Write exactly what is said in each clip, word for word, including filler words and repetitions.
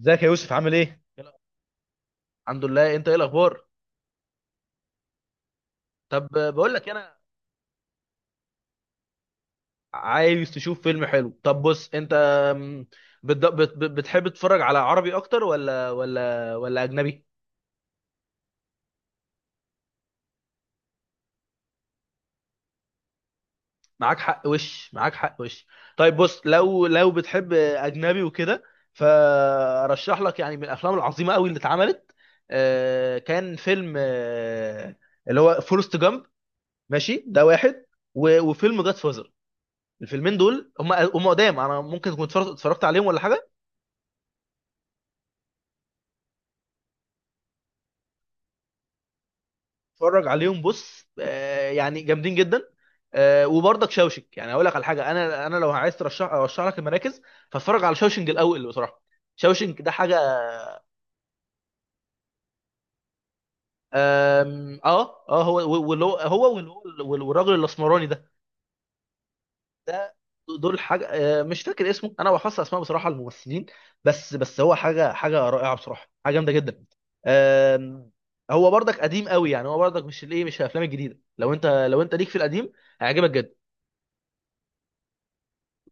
ازيك يا يوسف؟ عامل ايه؟ الحمد لله. انت ايه الاخبار؟ طب بقول لك انا، عايز تشوف فيلم حلو؟ طب بص انت، م، بت- بت- بتحب تتفرج على عربي اكتر ولا ولا ولا اجنبي؟ معاك حق وش معاك حق وش طيب بص، لو لو بتحب اجنبي وكده، فرشح لك يعني من الافلام العظيمه قوي اللي اتعملت. آه، كان فيلم آه، اللي هو فورست جامب. ماشي، ده واحد. و- وفيلم جاد فازر. الفيلمين دول، هم هم قدام. انا ممكن كنت اتفرجت اتفرجت عليهم ولا حاجه؟ اتفرج عليهم. بص آه، يعني جامدين جدا. آه، وبرضك شوشك. يعني اقول لك على حاجه، انا انا لو عايز ترشح، ارشح لك المراكز. فاتفرج على شوشنج الاول بصراحه. شوشنج ده حاجه. آم، اه اه، هو واللي هو هو واللي هو- والراجل الاسمراني ده. ده دول حاجه. آه، مش فاكر اسمه، انا بحفظ اسماء بصراحه الممثلين. بس بس هو حاجه، حاجه رائعه بصراحه، حاجه جامده جدا. آم، هو برضك قديم قوي. يعني هو برضك مش الايه، مش الافلام الجديده. لو انت، لو انت ليك في القديم، هيعجبك جدا.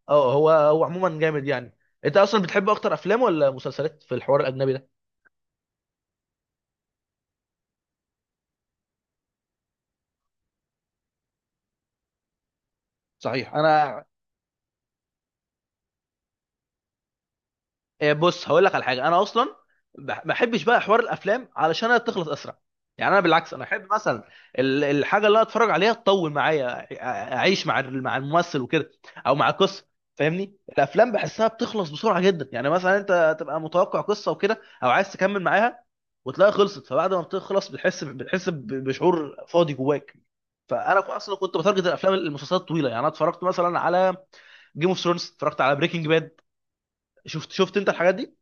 اه، هو هو عموما جامد يعني. انت اصلا بتحب اكتر افلام ولا مسلسلات في الحوار الاجنبي ده؟ صحيح انا إيه، بص، هقول لك على حاجه. انا اصلا بح- ما بحبش بقى حوار الافلام، علشان هي تخلص اسرع. يعني انا بالعكس، انا احب مثلا ال- الحاجه اللي أنا اتفرج عليها تطول معايا. أع- اعيش مع ال- مع الممثل وكده، او مع القصه. فاهمني؟ الافلام بحسها بتخلص بسرعه جدا. يعني مثلا انت تبقى متوقع قصه وكده، او عايز تكمل معاها، وتلاقيها خلصت. فبعد ما بتخلص، بتحس بتحس ب- بشعور فاضي جواك. فانا كو- اصلا كنت بتارجت الافلام، المسلسلات الطويله. يعني انا اتفرجت مثلا على جيم اوف ثرونز، اتفرجت على بريكنج باد. شفت شفت انت الحاجات دي؟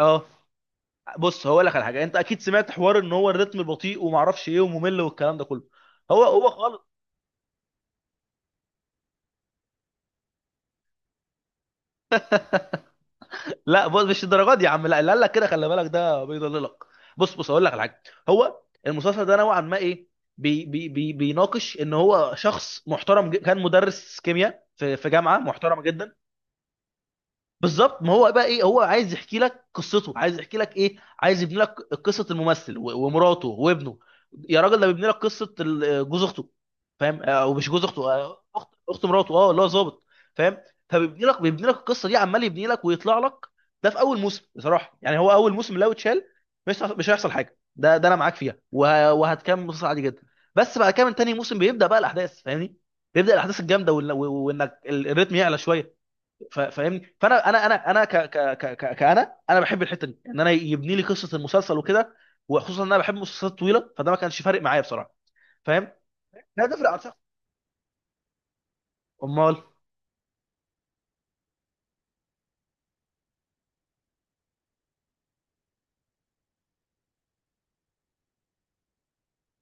اه. بص هقول لك على حاجه. انت اكيد سمعت حوار ان هو الريتم بطيء وما اعرفش ايه وممل والكلام ده كله. هو هو خالص. لا بص، مش الدرجات دي يا عم. لا، اللي قال لك كده خلي بالك، ده بيضللك. بص بص هقول لك على حاجه. هو المسلسل ده نوعا ما ايه، بي بي بي بيناقش ان هو شخص محترم جد- كان مدرس كيمياء في في جامعه محترمه جدا. بالظبط. ما هو بقى ايه، هو عايز يحكي لك قصته، عايز يحكي لك ايه، عايز يبني لك قصه الممثل و- ومراته وابنه. يا راجل، ده بيبني لك قصه ال- جوز اخته، فاهم؟ آه، او مش جوز اخته، آه، اخت، اخت مراته، اه، اللي هو ظابط. فاهم؟ فبيبني لك، بيبني لك القصه دي، عمال يبني لك ويطلع لك. ده في اول موسم بصراحه. يعني هو اول موسم لو اتشال، مش هيحصل- مش هيحصل حاجه. ده ده انا معاك فيها، وه- وهتكمل مسلسل عادي جدا. بس بعد كده من تاني موسم بيبدا بقى الاحداث، فاهمني؟ بيبدا الاحداث الجامده، وإن- و- وانك ال- الريتم يعلى شويه. ف- فاهمني؟ فانا، انا انا انا ك ك ك ك- كأنا انا بحب الحته دي، ان انا يبني لي قصه المسلسل وكده. وخصوصا ان انا بحب المسلسلات الطويله، فده ما كانش فارق معايا بصراحه. فاهم؟ لا تفرق عن شخص. امال؟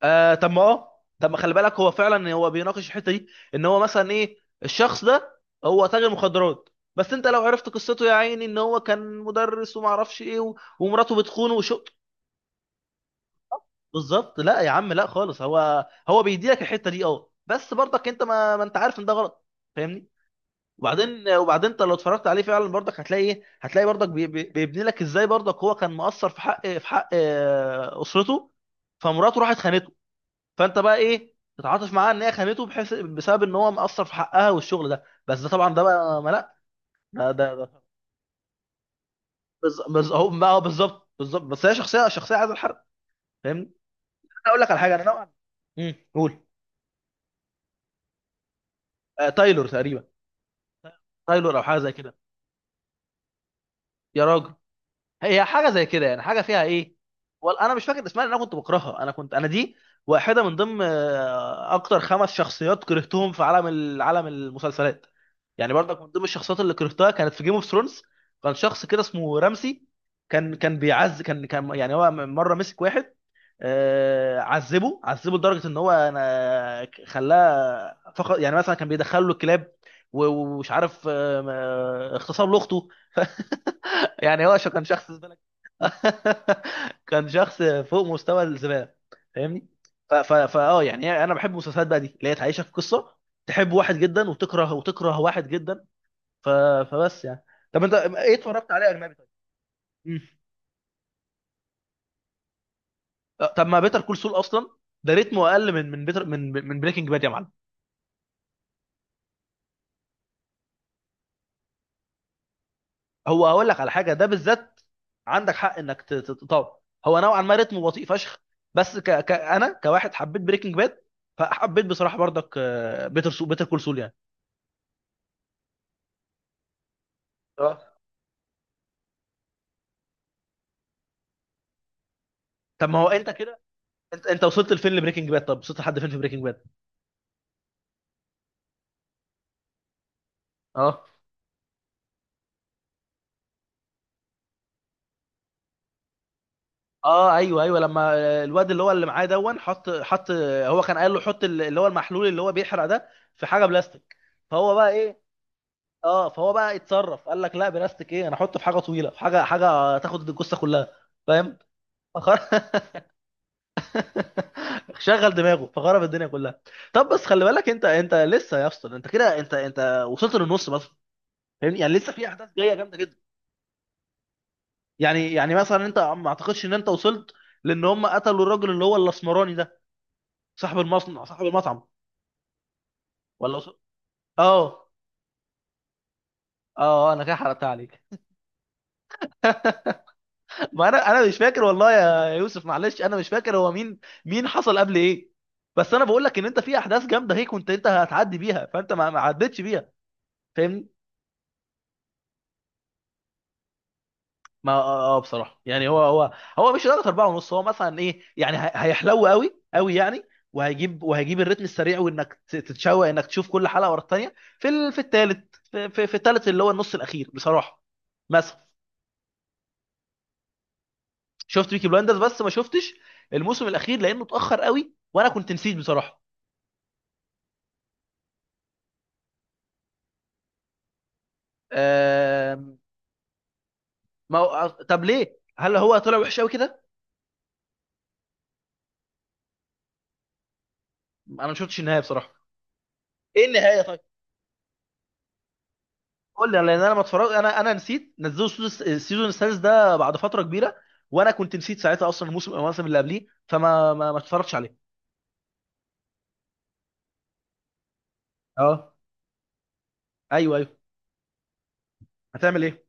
آه طب ما اه، طب ما خلي بالك، هو فعلا هو بيناقش الحته دي. ان هو مثلا ايه، الشخص ده هو تاجر مخدرات، بس انت لو عرفت قصته يا عيني، ان هو كان مدرس وما اعرفش ايه و- ومراته بتخونه وشو. بالظبط. لا يا عم لا خالص، هو هو بيديلك الحته دي. اه، بس برضك انت ما, ما انت عارف ان ده غلط، فاهمني؟ وبعدين، وبعدين انت لو اتفرجت عليه فعلا برضك، هتلاقي ايه، هتلاقي برضك بي- بي- بيبني لك ازاي برضك هو كان مقصر في حق، في حق آه، اسرته. فمراته راحت خانته. فانت بقى ايه، تتعاطف معاه ان هي خانته، بحيث بسبب ان هو مقصر في حقها والشغل ده. بس ده طبعا ده بقى ما لا، ده ده ده بز- بز- هو بقى هو بالظبط، بالظبط بس هي شخصيه، شخصيه عايزه الحرق، فاهمني؟ انا اقول لك على حاجه، انا نوعا. امم قول. آه تايلور تقريبا. تايلور او حاجه زي كده. يا راجل، هي حاجه زي كده يعني، حاجه فيها ايه. ولا انا مش فاكر اسمها، لان انا كنت بكرهها. انا كنت، انا دي واحده من ضمن آه، اكتر خمس شخصيات كرهتهم في عالم ال- عالم المسلسلات. يعني برضك من ضمن الشخصيات اللي كرهتها كانت في جيم اوف ثرونز. كان شخص كده اسمه رمسي. كان كان بيعز كان كان يعني، هو مره مسك واحد آه، عذبه، عذبه لدرجه ان هو أنا خلاه فقط. يعني مثلا كان بيدخله الكلاب و- ومش عارف، آه، آه، اغتصب لاخته. يعني هو شو، كان شخص زبالة. كان شخص فوق مستوى الزبالة، فاهمني؟ ف- ف- فاه يعني انا بحب المسلسلات بقى دي، اللي هي تعيشك في قصة، تحب واحد جدا، وتكره، وتكره واحد جدا. ف... فبس يعني. طب انت ايه اتفرجت عليه اجنبي طيب؟ مم. طب ما بيتر كول سول اصلا، ده ريتمه اقل من، من بيتر من من بريكنج باد يا معلم. هو هقول لك على حاجه ده بالذات، عندك حق انك ت- ت- تطور. هو نوعا ما رتمه بطيء فشخ. بس ك... ك... انا كواحد حبيت بريكنج باد، فحبيت بصراحه برضك بيتر سو... بيتر كول سول يعني. اه طب ما هو انت كده، انت انت وصلت لفين لبريكنج باد؟ طب وصلت لحد فين في بريكنج باد؟ اه. اه ايوه، ايوه لما الواد اللي هو اللي معاه دون، حط، حط هو كان قال له حط اللي هو المحلول اللي هو بيحرق ده في حاجه بلاستيك. فهو بقى ايه، اه فهو بقى اتصرف، قال لك لا بلاستيك ايه، انا احطه في حاجه طويله، في حاجه، حاجه تاخد الجثه كلها، فاهم؟ فخر... شغل دماغه فخرب الدنيا كلها. طب بس خلي بالك انت، انت لسه يا اسطى. انت كده، انت انت وصلت للنص مثلا، فاهمني؟ يعني لسه في احداث جايه جامده جدا. يعني يعني مثلا انت ما اعتقدش ان انت وصلت، لان هم قتلوا الراجل اللي هو الاسمراني ده، صاحب المصنع، صاحب المطعم. ولا وصل... اه. اه انا كده حرقتها عليك. ما انا، انا مش فاكر والله يا يوسف، معلش انا مش فاكر هو مين، مين حصل قبل ايه. بس انا بقول لك ان انت في احداث جامده هيك، كنت انت هتعدي بيها، فانت ما ما عدتش بيها، فاهمني؟ ما اه، آه، آه، بصراحه يعني، هو هو هو مش لدرجه أربعة ونص. هو مثلا ايه يعني، هي- هيحلو قوي قوي يعني، وهيجيب وهيجيب الريتم السريع، وانك ت- تتشوق انك تشوف كل حلقه ورا الثانيه في ال... في الثالث، في, في, في الثالث اللي هو النص الاخير بصراحه. مثلا، شفت بيكي بلاندرز؟ بس ما شفتش الموسم الاخير لانه اتاخر قوي وانا كنت نسيت بصراحه. آم... ما هو، طب ليه؟ هل هو طلع وحش قوي كده؟ انا ما شفتش النهايه بصراحه. ايه النهايه؟ قول لي، لان انا ما اتفرج، انا انا نسيت، نزلوا السيزون، السيزون السادس ده بعد فتره كبيره، وانا كنت نسيت ساعتها اصلا الموسم، الموسم اللي قبليه، فما ما, ما اتفرجتش عليه. اه ايوه ايوه. هتعمل ايه؟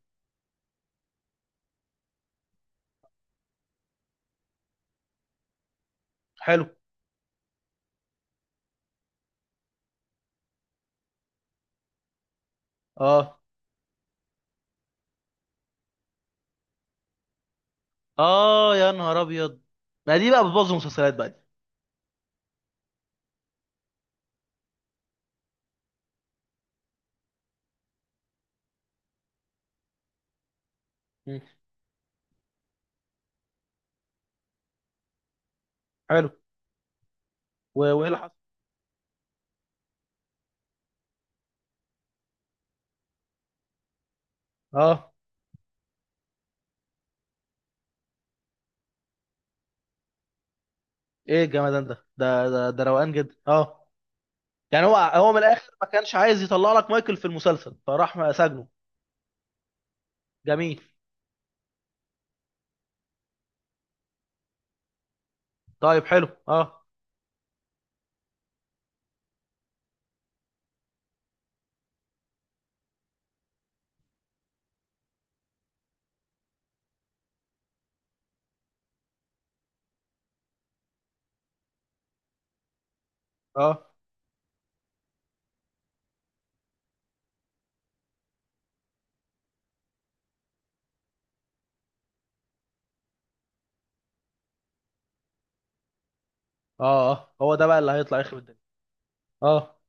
حلو. اه اه، يا نهار ابيض. ما دي بقى بتبوظ المسلسلات بقى دي. مم. حلو. و- وايه اللي حصل؟ اه. ايه الجمدان ده، ده ده, ده روقان جدا اه. يعني هو هو من الاخر ما كانش عايز يطلع لك مايكل في المسلسل، فراح سجنه. جميل. طيب حلو اه. اه اه اه، هو ده بقى اللي هيطلع يخرب الدنيا. اه.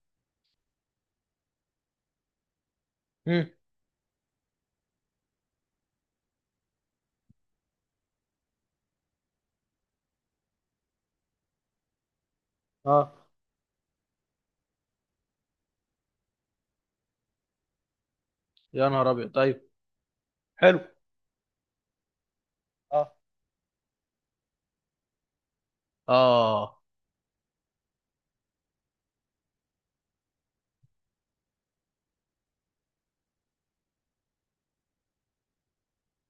مم. اه، يا نهار ابيض. طيب، حلو. اه اه.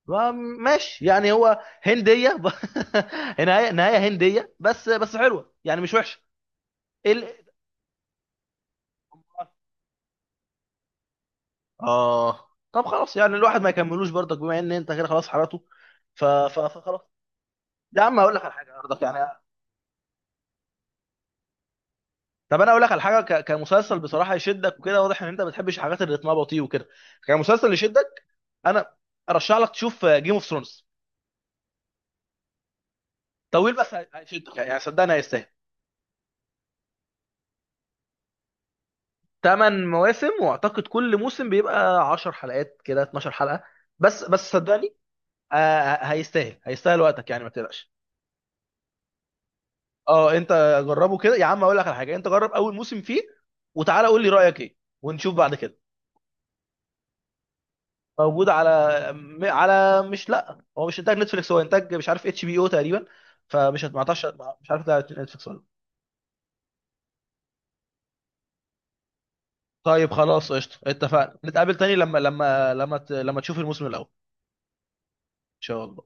ما- ماشي، يعني هو هنديه ب... نهايه، نهايه هنديه، بس بس حلوه يعني، مش وحشه. إيه ال- آه. اه طب خلاص، يعني الواحد ما يكملوش برضك، بما ان انت كده خلاص حرقته. ف... ف... فخلاص. يا عم اقول لك على حاجه برضك يعني. طب انا اقول لك على حاجه، ك... كمسلسل بصراحه يشدك وكده، واضح ان انت ما بتحبش الحاجات اللي رتمها بطيء وكده. كمسلسل يشدك، انا ارشح لك تشوف جيم اوف ثرونز. طويل بس، هي- هيشدك يعني، صدقني هيستاهل. ثمان مواسم، واعتقد كل موسم بيبقى عشر حلقات كده، 12 حلقة. بس بس صدقني آه آه، هيستاهل، هيستاهل وقتك يعني، ما تقلقش. اه انت جربه كده يا عم. اقول لك على حاجة، انت جرب اول موسم فيه، وتعالى قول لي رأيك ايه، ونشوف بعد كده. موجود على م- على مش، لا هو مش انتاج نتفليكس، هو انتاج مش عارف اتش بي او تقريبا. فمش هت- ما اعتقدش. مش عارف ده نتفليكس ولا لأ. طيب خلاص قشطة، اتفقنا نتقابل تاني لما، لما لما ت- لما تشوف الموسم الاول. ان شاء الله.